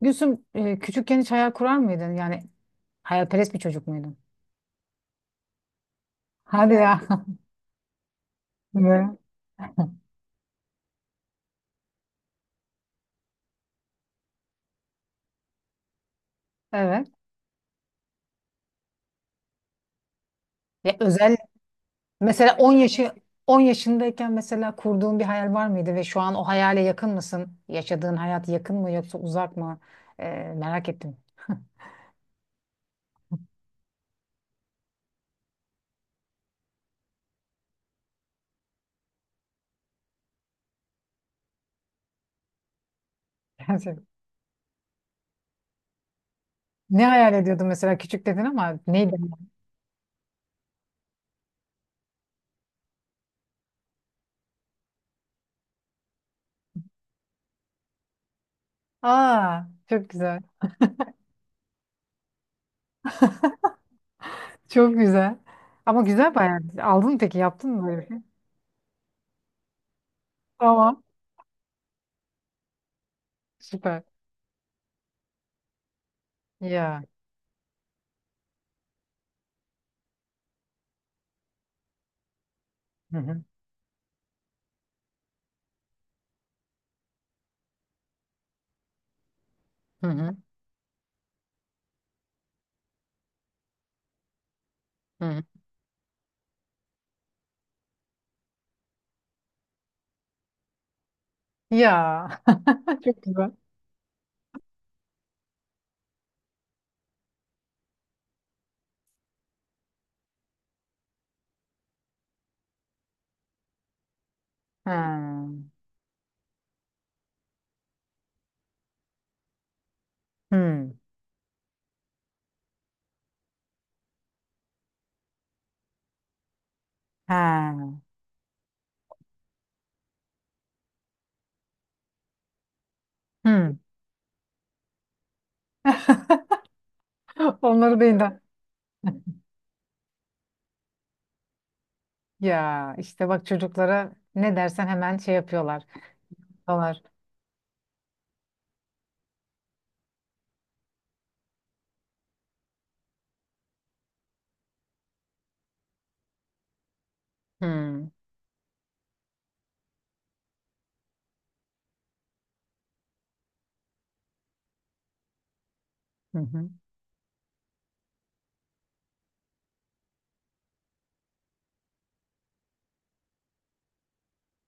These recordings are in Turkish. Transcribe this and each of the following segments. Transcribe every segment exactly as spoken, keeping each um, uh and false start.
Gülsüm, e, küçükken hiç hayal kurar mıydın? Yani hayalperest bir çocuk muydun? Hadi ya. Ya. Ne? Evet. Ya özel, mesela 10 yaşı on yaşındayken mesela kurduğun bir hayal var mıydı ve şu an o hayale yakın mısın? Yaşadığın hayat yakın mı yoksa uzak mı? E, Merak ettim. Gerçekten. Ne hayal ediyordun mesela? Küçük dedin ama neydi? Aa, çok güzel. Çok güzel. Ama güzel bir hayal. Aldın mı peki? Yaptın mı böyle bir şey? Tamam. Süper. Ya. Hı hı. Hı hı. Hı hı. Ya, çok güzel. Ha. Hmm. Ha. Hmm. Onları değil de. Ya işte bak, çocuklara ne dersen hemen şey yapıyorlar. Dolar. Hmm. Hı hı.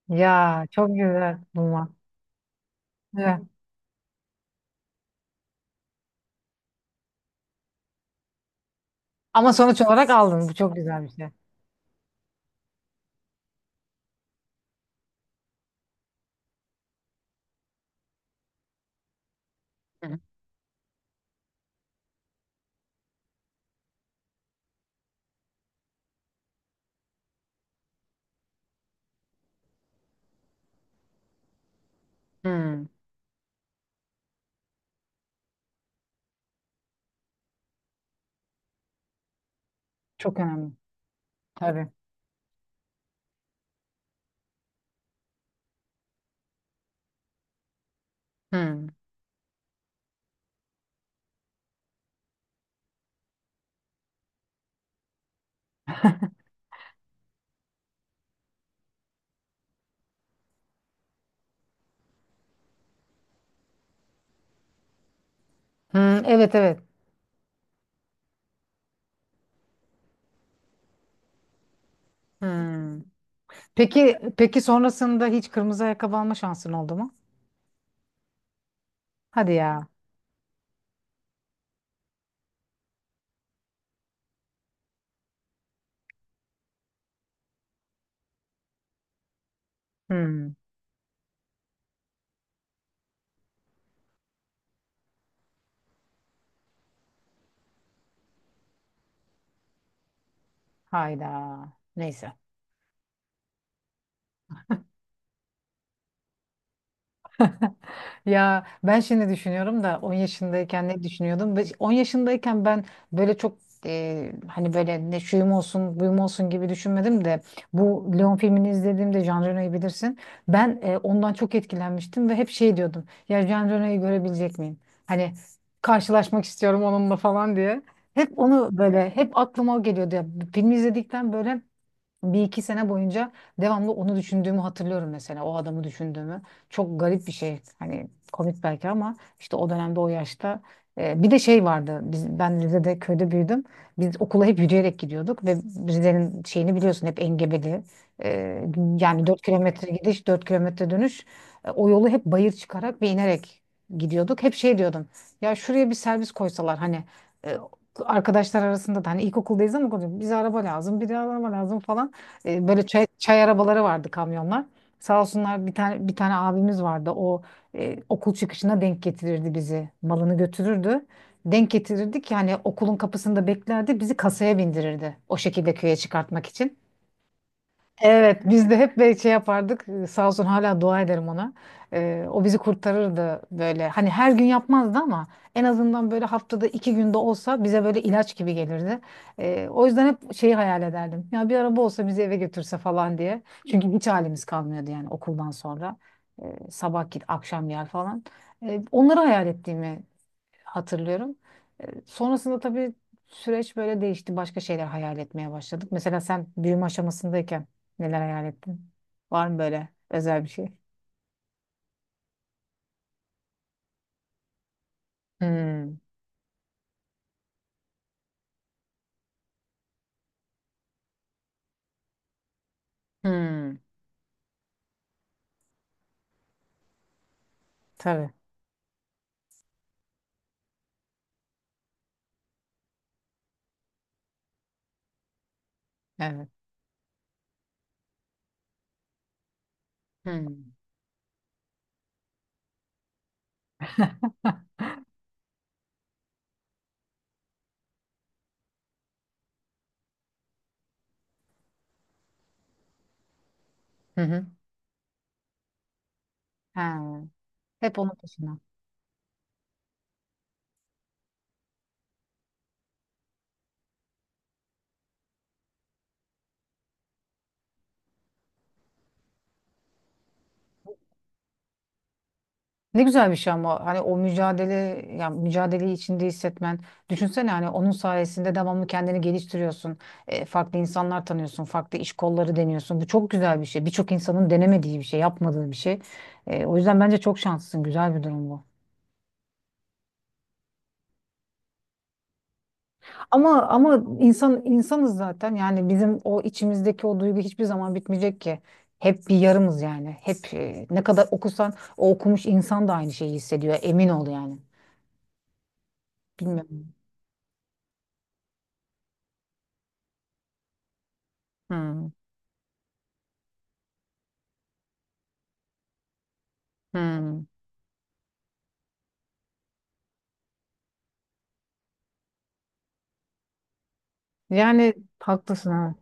Ya çok güzel bulma. Evet. Ama sonuç olarak aldın. Bu çok güzel bir şey. Hı. Hmm. Çok önemli. Tabii. Hmm. Hmm. Evet, evet. Hmm. Peki peki, sonrasında hiç kırmızı ayakkabı alma şansın oldu mu? Hadi ya. Hmm. Hayda. Neyse. Ya ben şimdi düşünüyorum da on yaşındayken ne düşünüyordum? Ve on yaşındayken ben böyle çok, e, hani böyle ne şuyum olsun buyum olsun gibi düşünmedim de bu Leon filmini izlediğimde Jean Reno'yu bilirsin. Ben e, ondan çok etkilenmiştim ve hep şey diyordum. Ya Jean Reno'yu görebilecek miyim? Hani karşılaşmak istiyorum onunla falan diye. Hep onu böyle hep aklıma o geliyordu ya. Filmi izledikten böyle bir iki sene boyunca devamlı onu düşündüğümü hatırlıyorum, mesela o adamı düşündüğümü. Çok garip bir şey, hani komik belki ama işte o dönemde, o yaşta, e, bir de şey vardı, biz, ben Rize'de köyde büyüdüm, biz okula hep yürüyerek gidiyorduk ve Rize'nin şeyini biliyorsun, hep engebeli. E, yani dört kilometre gidiş, dört kilometre dönüş. E, o yolu hep bayır çıkarak ve inerek gidiyorduk. Hep şey diyordum, ya şuraya bir servis koysalar, hani, e, arkadaşlar arasında da, hani ilkokuldayız ama konuşuyoruz, bize araba lazım, bir de araba lazım falan. E, böyle çay, çay arabaları vardı, kamyonlar. Sağ olsunlar, bir tane bir tane abimiz vardı. O e, okul çıkışına denk getirirdi bizi. Malını götürürdü. Denk getirirdik yani, okulun kapısında beklerdi. Bizi kasaya bindirirdi, o şekilde köye çıkartmak için. Evet, biz de hep böyle şey yapardık. Ee, Sağ olsun, hala dua ederim ona. Ee, o bizi kurtarırdı böyle. Hani her gün yapmazdı ama en azından böyle haftada iki günde olsa bize böyle ilaç gibi gelirdi. Ee, o yüzden hep şeyi hayal ederdim. Ya bir araba olsa bizi eve götürse falan diye. Çünkü hiç halimiz kalmıyordu yani okuldan sonra. Ee, sabah git, akşam gel falan. Ee, onları hayal ettiğimi hatırlıyorum. E, Sonrasında tabii süreç böyle değişti. Başka şeyler hayal etmeye başladık. Mesela sen büyüme aşamasındayken neler hayal ettin? Var mı böyle özel bir şey? Hmm. Hmm. Tabii. Evet. Hmm. Hı hı. Ha. Hep onun peşinden. Ne güzel bir şey, ama hani o mücadele, ya mücadeleyi içinde hissetmen, düşünsene, hani onun sayesinde devamlı kendini geliştiriyorsun. E, farklı insanlar tanıyorsun, farklı iş kolları deniyorsun. Bu çok güzel bir şey, birçok insanın denemediği bir şey, yapmadığı bir şey. E, o yüzden bence çok şanslısın, güzel bir durum bu. Ama ama insan, insanız zaten, yani bizim o içimizdeki o duygu hiçbir zaman bitmeyecek ki. Hep bir yarımız, yani hep, e, ne kadar okusan o okumuş insan da aynı şeyi hissediyor, emin ol yani. Bilmiyorum. Hmm. Hmm. Yani haklısın ha.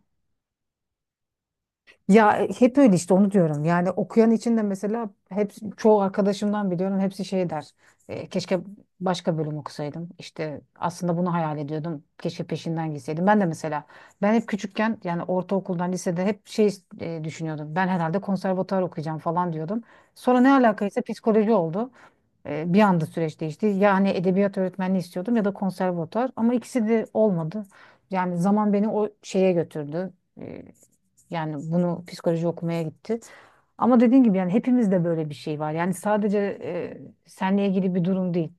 Ya, e, hep öyle işte, onu diyorum. Yani okuyan için de mesela, hep çoğu arkadaşımdan biliyorum, hepsi şey der. "E, keşke başka bölüm okusaydım. İşte aslında bunu hayal ediyordum. Keşke peşinden gitseydim." Ben de mesela, ben hep küçükken, yani ortaokuldan lisede, hep şey, e, düşünüyordum. Ben herhalde konservatuar okuyacağım falan diyordum. Sonra ne alakaysa psikoloji oldu. E, bir anda süreç değişti. Yani edebiyat öğretmenliği istiyordum ya da konservatuar ama ikisi de olmadı. Yani zaman beni o şeye götürdü. E, yani bunu, psikoloji okumaya gitti. Ama dediğim gibi, yani hepimizde böyle bir şey var. Yani sadece e, seninle ilgili bir durum değil.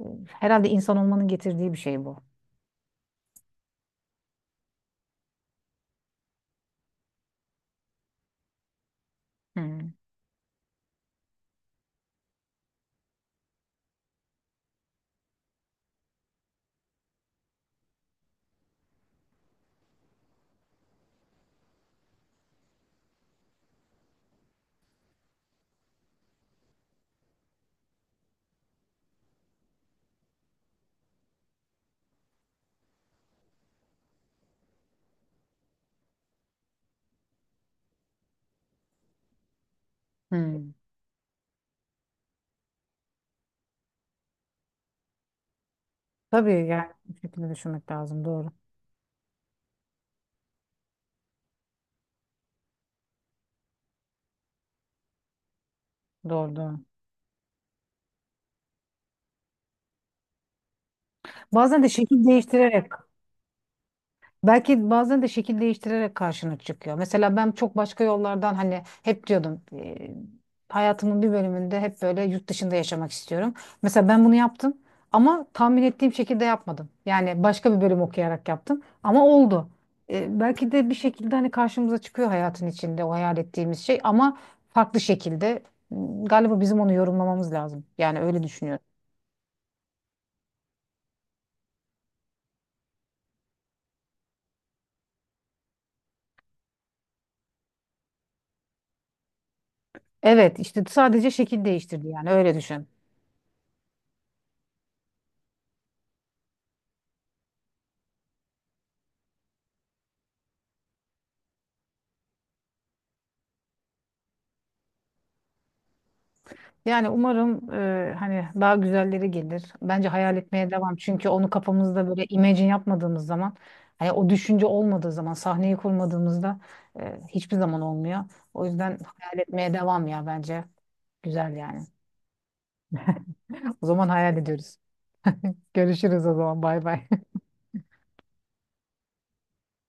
E, Herhalde insan olmanın getirdiği bir şey bu. Hmm. Hmm. Tabii, yani bu şekilde düşünmek lazım. Doğru. Doğru, doğru. Bazen de şekil değiştirerek, belki bazen de şekil değiştirerek karşına çıkıyor. Mesela ben çok başka yollardan, hani hep diyordum, e, hayatımın bir bölümünde hep böyle yurt dışında yaşamak istiyorum. Mesela ben bunu yaptım, ama tahmin ettiğim şekilde yapmadım. Yani başka bir bölüm okuyarak yaptım ama oldu. E, belki de bir şekilde hani karşımıza çıkıyor hayatın içinde o hayal ettiğimiz şey, ama farklı şekilde. Hmm, galiba bizim onu yorumlamamız lazım. Yani öyle düşünüyorum. Evet işte, sadece şekil değiştirdi, yani öyle düşün. Yani umarım e, hani daha güzelleri gelir. Bence hayal etmeye devam. Çünkü onu kafamızda böyle imagine yapmadığımız zaman, hani o düşünce olmadığı zaman, sahneyi kurmadığımızda e, hiçbir zaman olmuyor. O yüzden hayal etmeye devam ya, bence. Güzel yani. O zaman hayal ediyoruz. Görüşürüz o zaman. Bay bay.